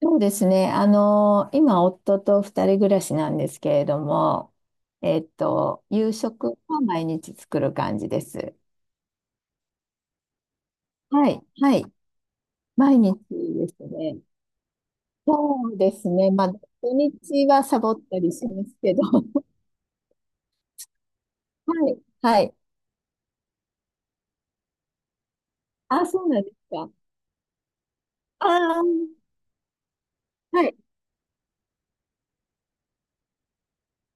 そうですね。今、夫と二人暮らしなんですけれども、夕食は毎日作る感じです。はい、はい。毎日ですね。そうですね。まあ、土日はサボったりしますけど。はい、はい。あ、そうなんですか。ああ、はい、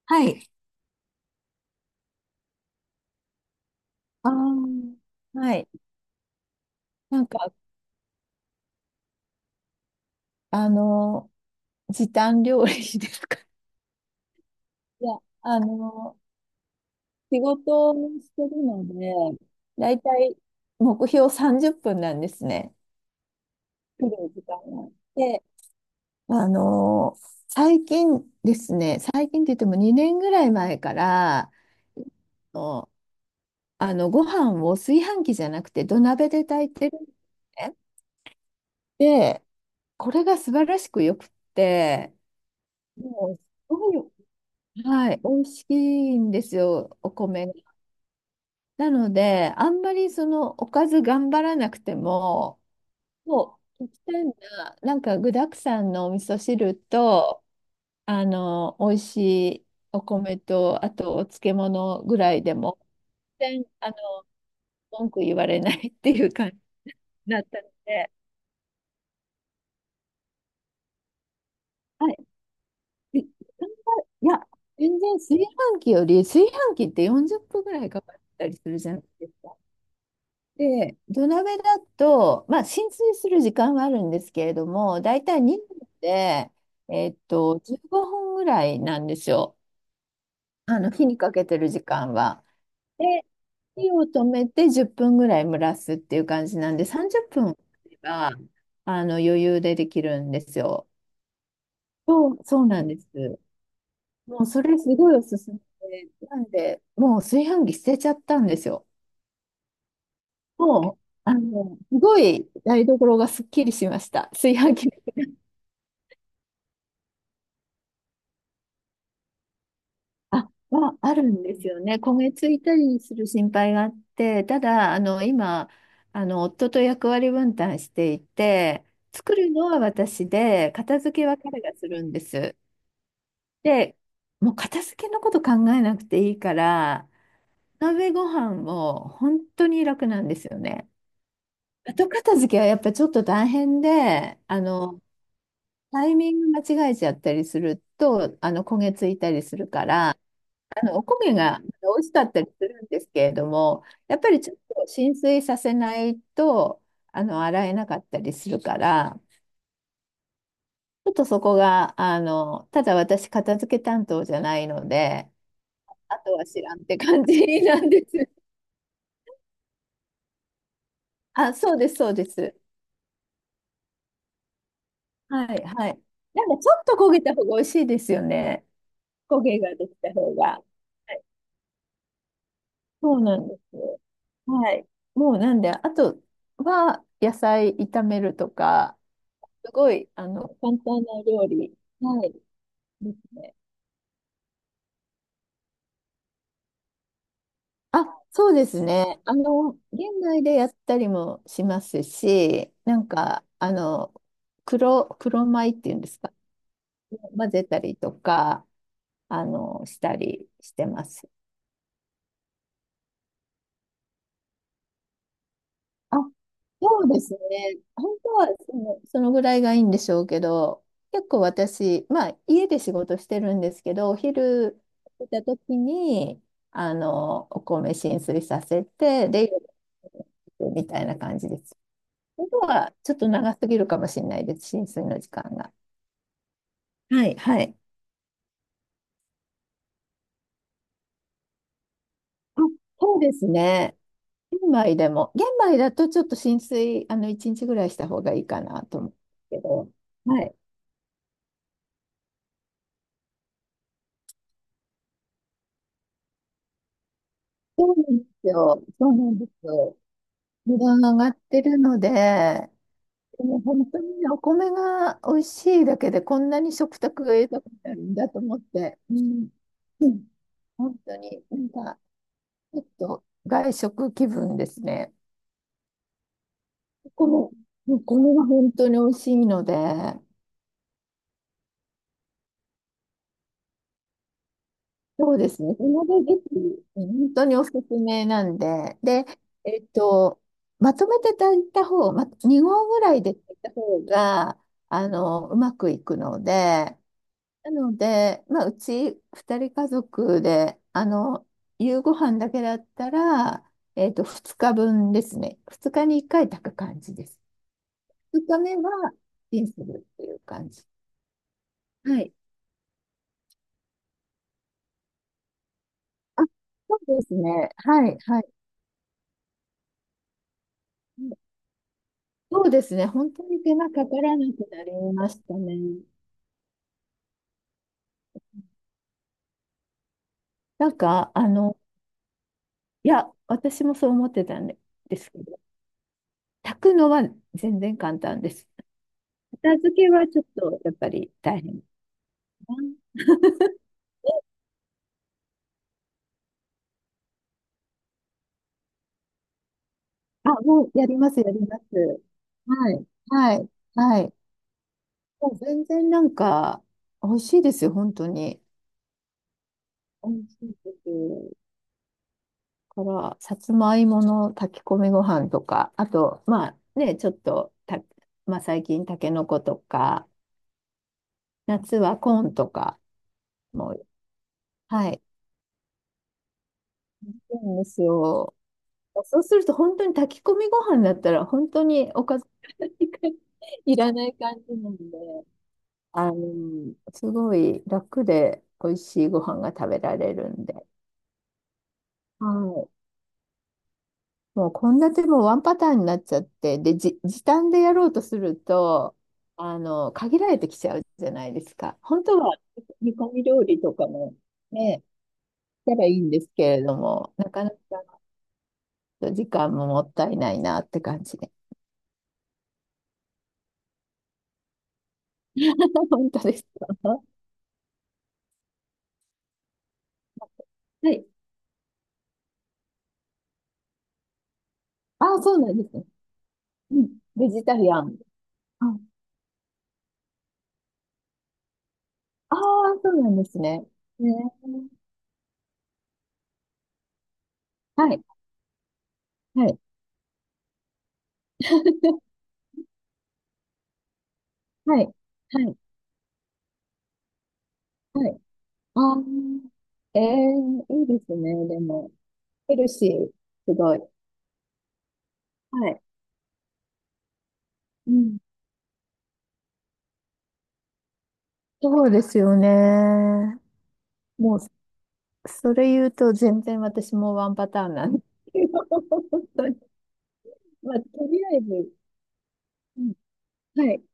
はい。ああ、はい。なんか、あの、時短料理ですか。いや、あの、仕事をしてるので、だいたい目標30分なんですね。来る時間が。で、最近ですね、最近って言っても2年ぐらい前から、のご飯を炊飯器じゃなくて土鍋で炊いてるんですね。で、これが素晴らしくよくって、もうすごい、はい、美味しいんですよ、お米が。なので、あんまりそのおかず頑張らなくても、そう、極端な、なんか具沢山のお味噌汁と、美味しいお米と、あとお漬物ぐらいでも、全然、文句言われないっていう感じになったので、はい。いいや、全然炊飯器より、炊飯器って40分ぐらいかかったりするじゃないですか。で、土鍋だと、まあ、浸水する時間はあるんですけれども、だいたい2分で、15分ぐらいなんですよ。あの、火にかけてる時間は。で、火を止めて10分ぐらい蒸らすっていう感じなんで、30分あれば、余裕でできるんですよ。そう、そうなんです。もうそれすごいおすすめで、なんで、もう炊飯器捨てちゃったんですよ。もう、すごい台所がすっきりしました。炊飯器。あ、まあ、あるんですよね。焦げついたりする心配があって、ただ、今、夫と役割分担していて、作るのは私で、片付けは彼がするんです。で、もう片付けのこと考えなくていいから、鍋ご飯も本当に楽なんですよね。後片付けはやっぱちょっと大変で、タイミング間違えちゃったりすると、焦げついたりするから、お焦げが美味しかったりするんですけれども、やっぱりちょっと浸水させないと、洗えなかったりするから、ちょっとそこが、ただ私、片付け担当じゃないので、あとは知らんって感じなんです。あ、そうです、そうです。はい、はい。なんかちょっと焦げた方が美味しいですよね。焦げができた方が。はい、そうなんです。はい。もうなんで、あとは野菜炒めるとか、すごい、簡単な料理。はい。ですね。あ、そうですね。現代でやったりもしますし、なんか、黒米っていうんですか。混ぜたりとか、したりしてます。あ、そうですね。本当はその、そのぐらいがいいんでしょうけど、結構私、まあ家で仕事してるんですけど、お昼出た時に、お米浸水させて、で、夜みたいな感じです。本当はちょっと長すぎるかもしれないです、浸水の時間が。はい、はい。あ、そうですね。玄米だとちょっと浸水、1日ぐらいした方がいいかなと思うんですけど、はい。そうなんですよ。そうなんですよ。値段が上がってるので、でも本当にね、お米が美味しいだけでこんなに食卓が豊かになるんだと思って、うん、うん、本当になんかちょっと外食気分ですね。お米、お米が本当に美味しいので、そうですね。それでぜひ、本当におすすめなんで。で、えっと、まとめて炊いた方、ま、2合ぐらいで炊いた方が、うまくいくので、なので、まあ、うち2人家族で、夕ご飯だけだったら、2日分ですね。2日に1回炊く感じです。2日目はチンするっていう感じ。はい。あ、そうですね。はい、はい。そうですね。本当に手間かからなくなりましたね。なんか、いや、私もそう思ってたんですけど、炊くのは全然簡単です。片付けはちょっとやっぱり大変ですね。あ、もうやります、やります。はい、はい、はい。もう全然なんか、美味しいですよ、本当に。美味しいです。から、さつまいもの炊き込みご飯とか、あと、まあね、ちょっとた、まあ最近、たけのことか、夏はコーンとかも、はい、いいんですよ。そうすると本当に炊き込みご飯だったら本当におかずがいらない感じなんで、すごい楽で美味しいご飯が食べられるんで、はい。もう献立もワンパターンになっちゃって、で、時短でやろうとすると、限られてきちゃうじゃないですか。本当は煮込み料理とかもね、したらいいんですけれども、なかなかと時間ももったいないなって感じで。本当ですか？はい。ああ、そうなんですね。うん。ベジタリアン。ああー、そうなんですね。ね。はい。はい。はい。はい。はい。ああ。ええ、いいですね。でも、ヘルシー、すごい。はい。うん。そうですよね。もう、それ言うと全然私もワンパターンなんですけど、本当にまあ、とりあえず、うん、はい。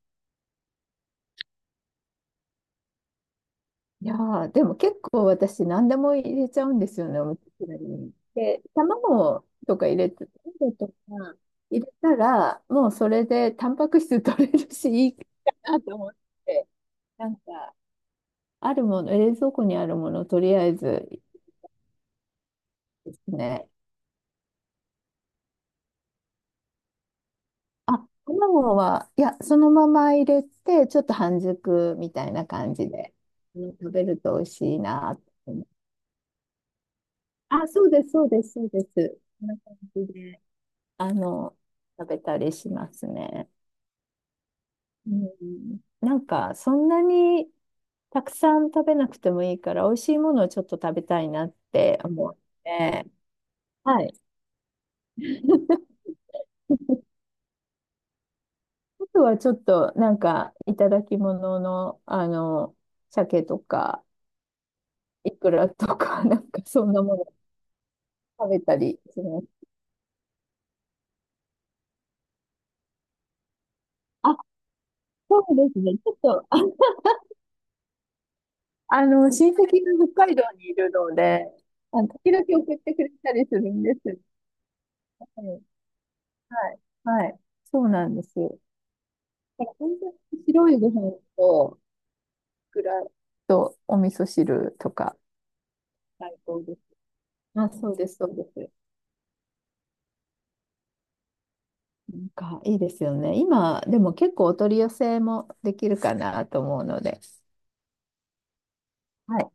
いやーでも結構私何でも入れちゃうんですよね、お味噌汁に。で、卵とか入れて、卵とか入れたら、もうそれでタンパク質取れるし、いいかなと思って、なんか、あるもの、冷蔵庫にあるもの、とりあえずですね。あ、卵は、いや、そのまま入れて、ちょっと半熟みたいな感じで、うん、食べると美味しいなって。あ、そうです、そうです、そうです。こんな感じで。あの、食べたりしますね。うん。なんか、そんなにたくさん食べなくてもいいから、美味しいものをちょっと食べたいなって思って、はい。あとはちょっと、なんか、いただき物の、鮭とか、イクラとか、なんか、そんなもの食べたりします。あ、そうですね。ちょっと、あの、親戚が北海道にいるので、あの時々送ってくれたりするんです。はい、はい。はい。そうなんですよ。だから本当に白いご飯と、ぐらいと、お味噌汁とか、最高です。あ、そうです、そうです。なんか、いいですよね。今、でも結構お取り寄せもできるかなと思うので。はい